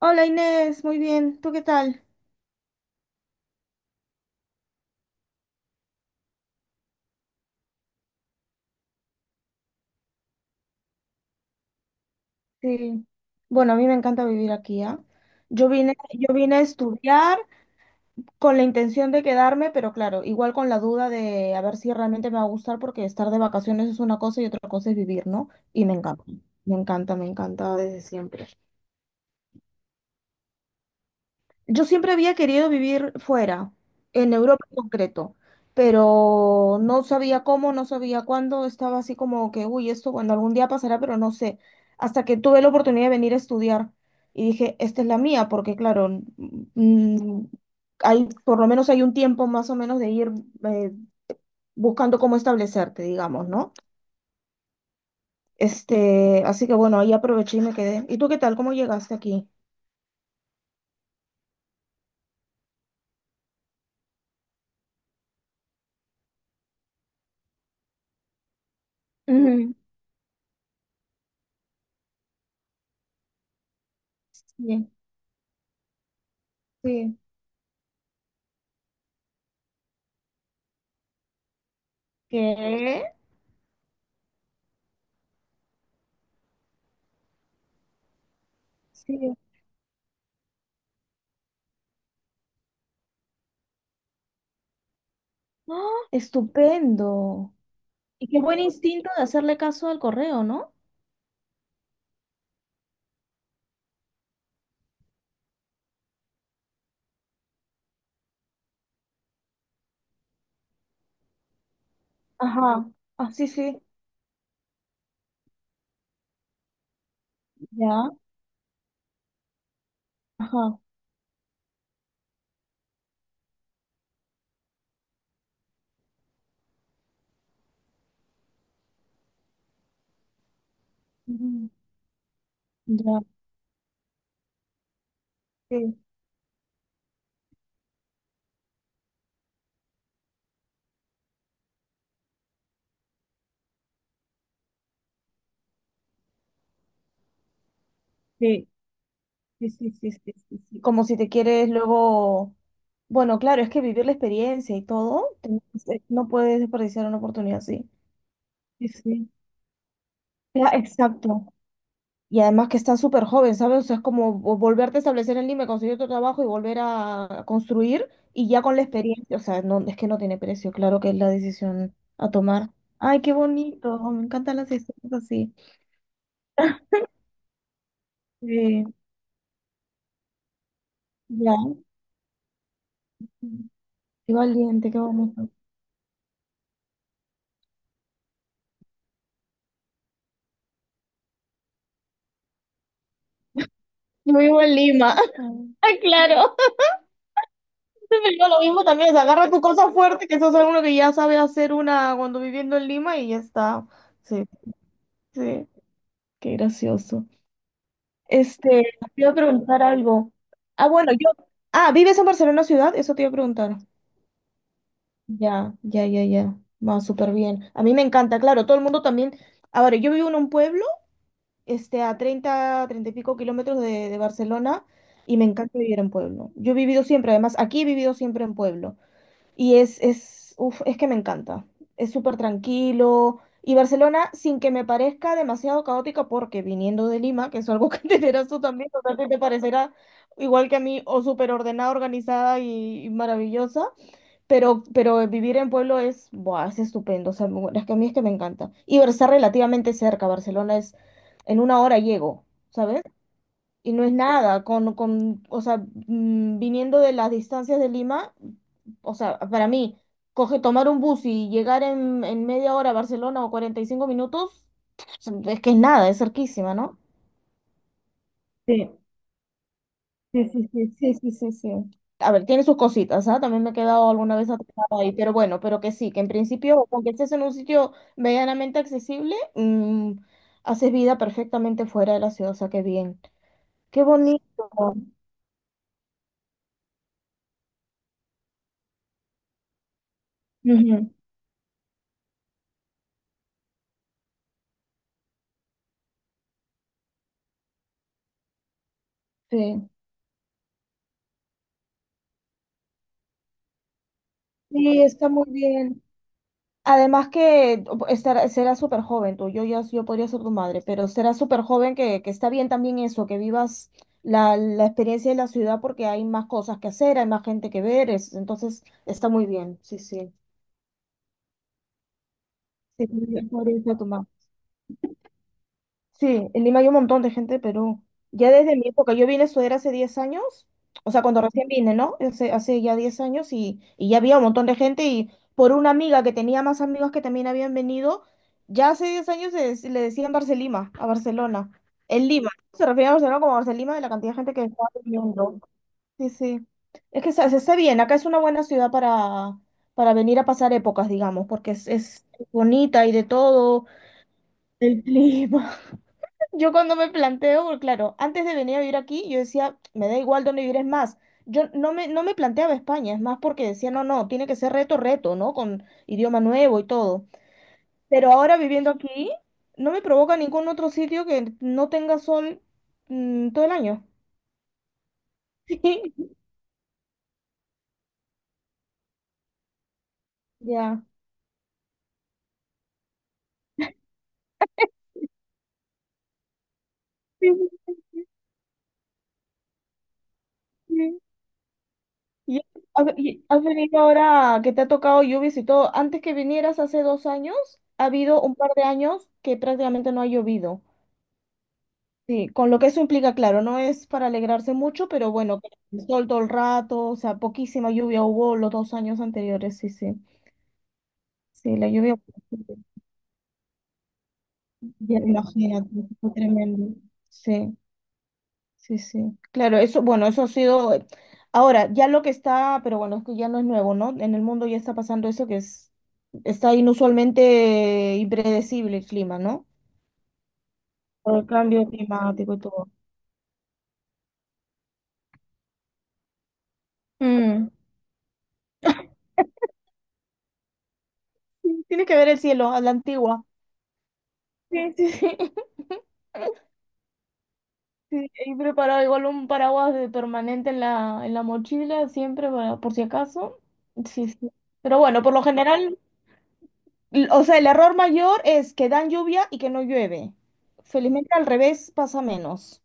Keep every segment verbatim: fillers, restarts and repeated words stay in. Hola Inés, muy bien. ¿Tú qué tal? Sí. Bueno, a mí me encanta vivir aquí, ¿ah? Yo vine, yo vine a estudiar con la intención de quedarme, pero claro, igual con la duda de a ver si realmente me va a gustar, porque estar de vacaciones es una cosa y otra cosa es vivir, ¿no? Y me encanta, me encanta, me encanta desde siempre. Yo siempre había querido vivir fuera, en Europa en concreto, pero no sabía cómo, no sabía cuándo, estaba así como que, uy, esto, bueno, algún día pasará, pero no sé. Hasta que tuve la oportunidad de venir a estudiar y dije, esta es la mía, porque claro, mm, hay, por lo menos hay un tiempo más o menos de ir eh, buscando cómo establecerte, digamos, ¿no? Este, así que bueno, ahí aproveché y me quedé. ¿Y tú qué tal? ¿Cómo llegaste aquí? Ujú. Sí, sí. ¿Qué? Sí. ¡Ah! Estupendo. Y qué buen instinto de hacerle caso al correo, ¿no? Ajá, ah, sí, sí. Ya, ajá, mm, ya. Sí, sí, sí, sí, sí, sí, sí, sí. Como si te quieres luego... Bueno, claro, es que vivir la experiencia y todo, te- no puedes desperdiciar una oportunidad así. Sí, sí. Ya, exacto. Y además que está súper joven, ¿sabes? O sea, es como vo- volverte a establecer en Lima, conseguir otro trabajo y volver a construir y ya con la experiencia, o sea, no, es que no tiene precio, claro que es la decisión a tomar. Ay, qué bonito, me encantan las historias así. Sí, ya, qué valiente, qué bonito. Yo vivo en Lima. Ay, claro. Siempre digo lo mismo también, o sea, agarra tu cosa fuerte, que eso es algo que ya sabe hacer una cuando viviendo en Lima y ya está. Sí, sí, qué gracioso. Este, Te iba a preguntar algo. Ah, bueno, yo. Ah, ¿vives en Barcelona ciudad? Eso te iba a preguntar. Ya, ya, ya, ya. Va súper bien. A mí me encanta, claro, todo el mundo también. Ahora, yo vivo en un pueblo, este, a treinta treinta y pico kilómetros de, de Barcelona, y me encanta vivir en pueblo. Yo he vivido siempre, además, aquí he vivido siempre en pueblo. Y es, es, uf, es que me encanta. Es súper tranquilo. Y Barcelona, sin que me parezca demasiado caótica, porque viniendo de Lima, que es algo que entenderás tú también, o sea, que te parecerá igual que a mí, o súper ordenada, organizada y, y maravillosa, pero, pero vivir en pueblo es, buah, es estupendo. O sea, mu- es que a mí es que me encanta. Y estar relativamente cerca. Barcelona es, en una hora llego, ¿sabes? Y no es nada, con, con, o sea, mm, viniendo de las distancias de Lima, o sea, para mí, coge, tomar un bus y llegar en, en media hora a Barcelona o cuarenta y cinco minutos, es que es nada, es cerquísima, ¿no? Sí, sí, sí, sí, sí, sí, sí, sí. A ver, tiene sus cositas, ¿ah? También me he quedado alguna vez atrapada ahí, pero bueno, pero que sí, que en principio, aunque estés en un sitio medianamente accesible, mm, haces vida perfectamente fuera de la ciudad, o sea, qué bien. Qué bonito. Ujú, sí. Sí, está muy bien. Además que estará, será súper joven tú, yo, ya- yo podría ser tu madre, pero será súper joven que, que está bien también eso, que vivas la, la experiencia de la ciudad porque hay más cosas que hacer, hay más gente que ver, es- entonces está muy bien, sí, sí. Sí, sí, podría ser tu madre. Sí, en Lima hay un montón de gente de Perú. Ya desde mi época, yo vine a estudiar hace diez años, o sea, cuando recién vine, ¿no? Hace, hace ya diez años y, y ya había un montón de gente y por una amiga que tenía más amigos que también habían venido, ya hace diez años se dec- le decían Barcelima, a Barcelona. En Lima, se refería a Barcelona como Barcelima de la cantidad de gente que estaba viniendo. Sí, sí. Es que se, se está bien, acá es una buena ciudad para, para venir a pasar épocas, digamos, porque es, es bonita y de todo, el clima. Yo cuando me planteo, porque claro, antes de venir a vivir aquí, yo decía, me da igual dónde vivir, es más, yo no me, no me planteaba España, es más porque decía, no, no, tiene que ser reto, reto, ¿no? Con idioma nuevo y todo. Pero ahora viviendo aquí, no me provoca ningún otro sitio que no tenga sol mm, todo el año. Ya. Sí, sí, sí. ¿Y has y has venido ahora que te ha tocado lluvias y todo? Antes que vinieras hace dos años, ha habido un par de años que prácticamente no ha llovido. Sí, con lo que eso implica, claro, no es para alegrarse mucho, pero bueno, que el sol todo el rato, o sea, poquísima lluvia hubo los dos años anteriores, sí, sí. Sí, la lluvia, ya me imagino, fue tremendo. Sí, sí, sí. Claro, eso, bueno, eso ha sido. eh, Ahora, ya lo que está, pero bueno, es que ya no es nuevo, ¿no? En el mundo ya está pasando eso que es, está inusualmente impredecible el clima, ¿no? Por el cambio climático y todo. Mm. Tiene que ver el cielo, a la antigua. Sí, sí, sí. Sí, y preparado igual un paraguas de permanente en la, en la mochila, siempre, para- por si acaso. Sí, sí. Pero bueno, por lo general, l- o sea, el error mayor es que dan lluvia y que no llueve. Felizmente al revés pasa menos.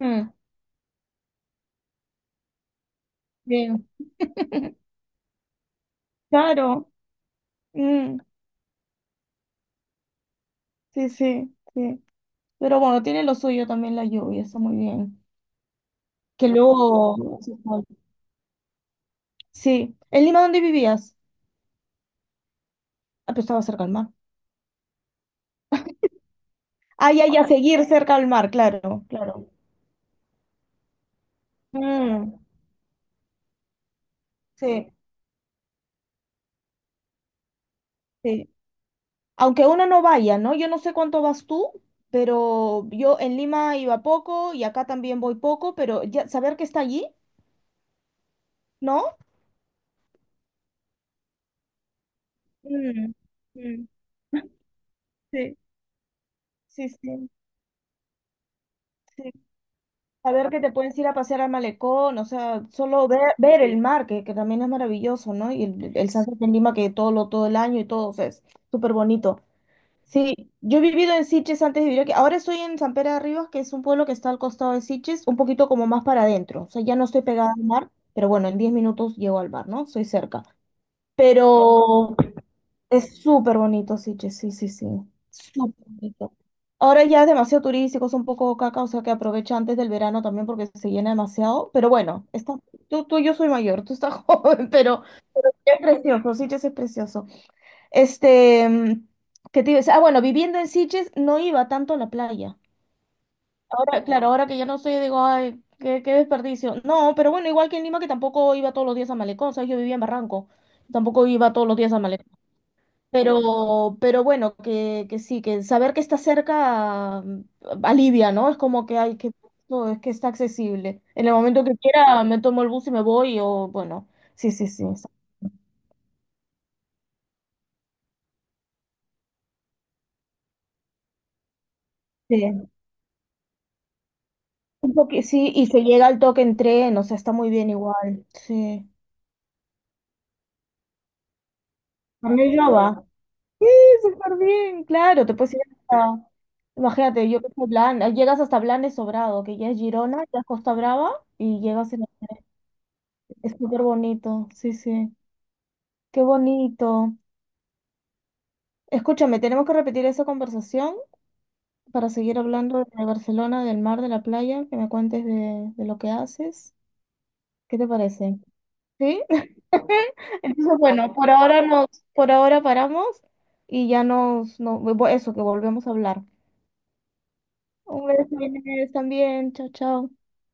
Mm, bien, claro. Mm, sí, sí, sí. Pero bueno, tiene lo suyo también la lluvia, está muy bien. Que luego... Sí. ¿En Lima dónde vivías? Ah, pero estaba cerca al mar. Ah, ya, ya, seguir cerca al mar, claro, claro. Mm, sí. Sí. Aunque uno no vaya, ¿no? Yo no sé cuánto vas tú, pero yo en Lima iba poco y acá también voy poco, pero ya saber que está allí, ¿no? Mm, mm, sí, sí, sí, sí. Saber que te puedes ir a pasear al malecón, o sea, solo ver, ver el mar, que, que también es maravilloso, ¿no? Y el, el sunset en Lima, que todo lo, todo el año y todo, o sea, es súper bonito. Sí, yo he vivido en Sitges antes de vivir aquí. Ahora estoy en San Pere de Ribas, que es un pueblo que está al costado de Sitges, un poquito como más para adentro. O sea, ya no estoy pegada al mar, pero bueno, en diez minutos llego al mar, ¿no? Soy cerca. Pero es súper bonito Sitges, sí, sí, sí. Súper bonito. Ahora ya es demasiado turístico, es un poco caca, o sea que aprovecha antes del verano también porque se llena demasiado. Pero bueno, está, tú, tú, yo soy mayor, tú estás joven, pero es precioso, Sitges es precioso. Este, mm, ¿Qué te iba a decir? Ah, bueno, viviendo en Sitges no iba tanto a la playa. Ahora, claro, ahora que ya no estoy, digo, ay, qué, qué desperdicio. No, pero bueno, igual que en Lima, que tampoco iba todos los días a Malecón, ¿sabes? Yo vivía en Barranco, tampoco iba todos los días a Malecón. Pero, pero bueno, que, que sí, que saber que está cerca mm, alivia, ¿no? Es como que hay que, no, es que está accesible. En el momento que quiera, me tomo el bus y me voy, o bueno, sí, sí, sí. Sí. Un poqui- sí, y se llega al toque en tren, o sea, está muy bien igual. Sí. A mí ya va. Sí, súper bien, claro, te puedes ir hasta. Imagínate, yo que soy Blan, llegas hasta Blanes Sobrado, que ya es Girona, ya es Costa Brava, y llegas en. Es súper bonito, sí, sí. Qué bonito. Escúchame, tenemos que repetir esa conversación para seguir hablando de Barcelona, del mar, de la playa, que me cuentes de, de lo que haces. ¿Qué te parece? ¿Sí? Entonces, bueno, por ahora nos, por ahora paramos y ya nos, no, eso, que volvemos a hablar. Un beso, Inés, también. Chao, chao.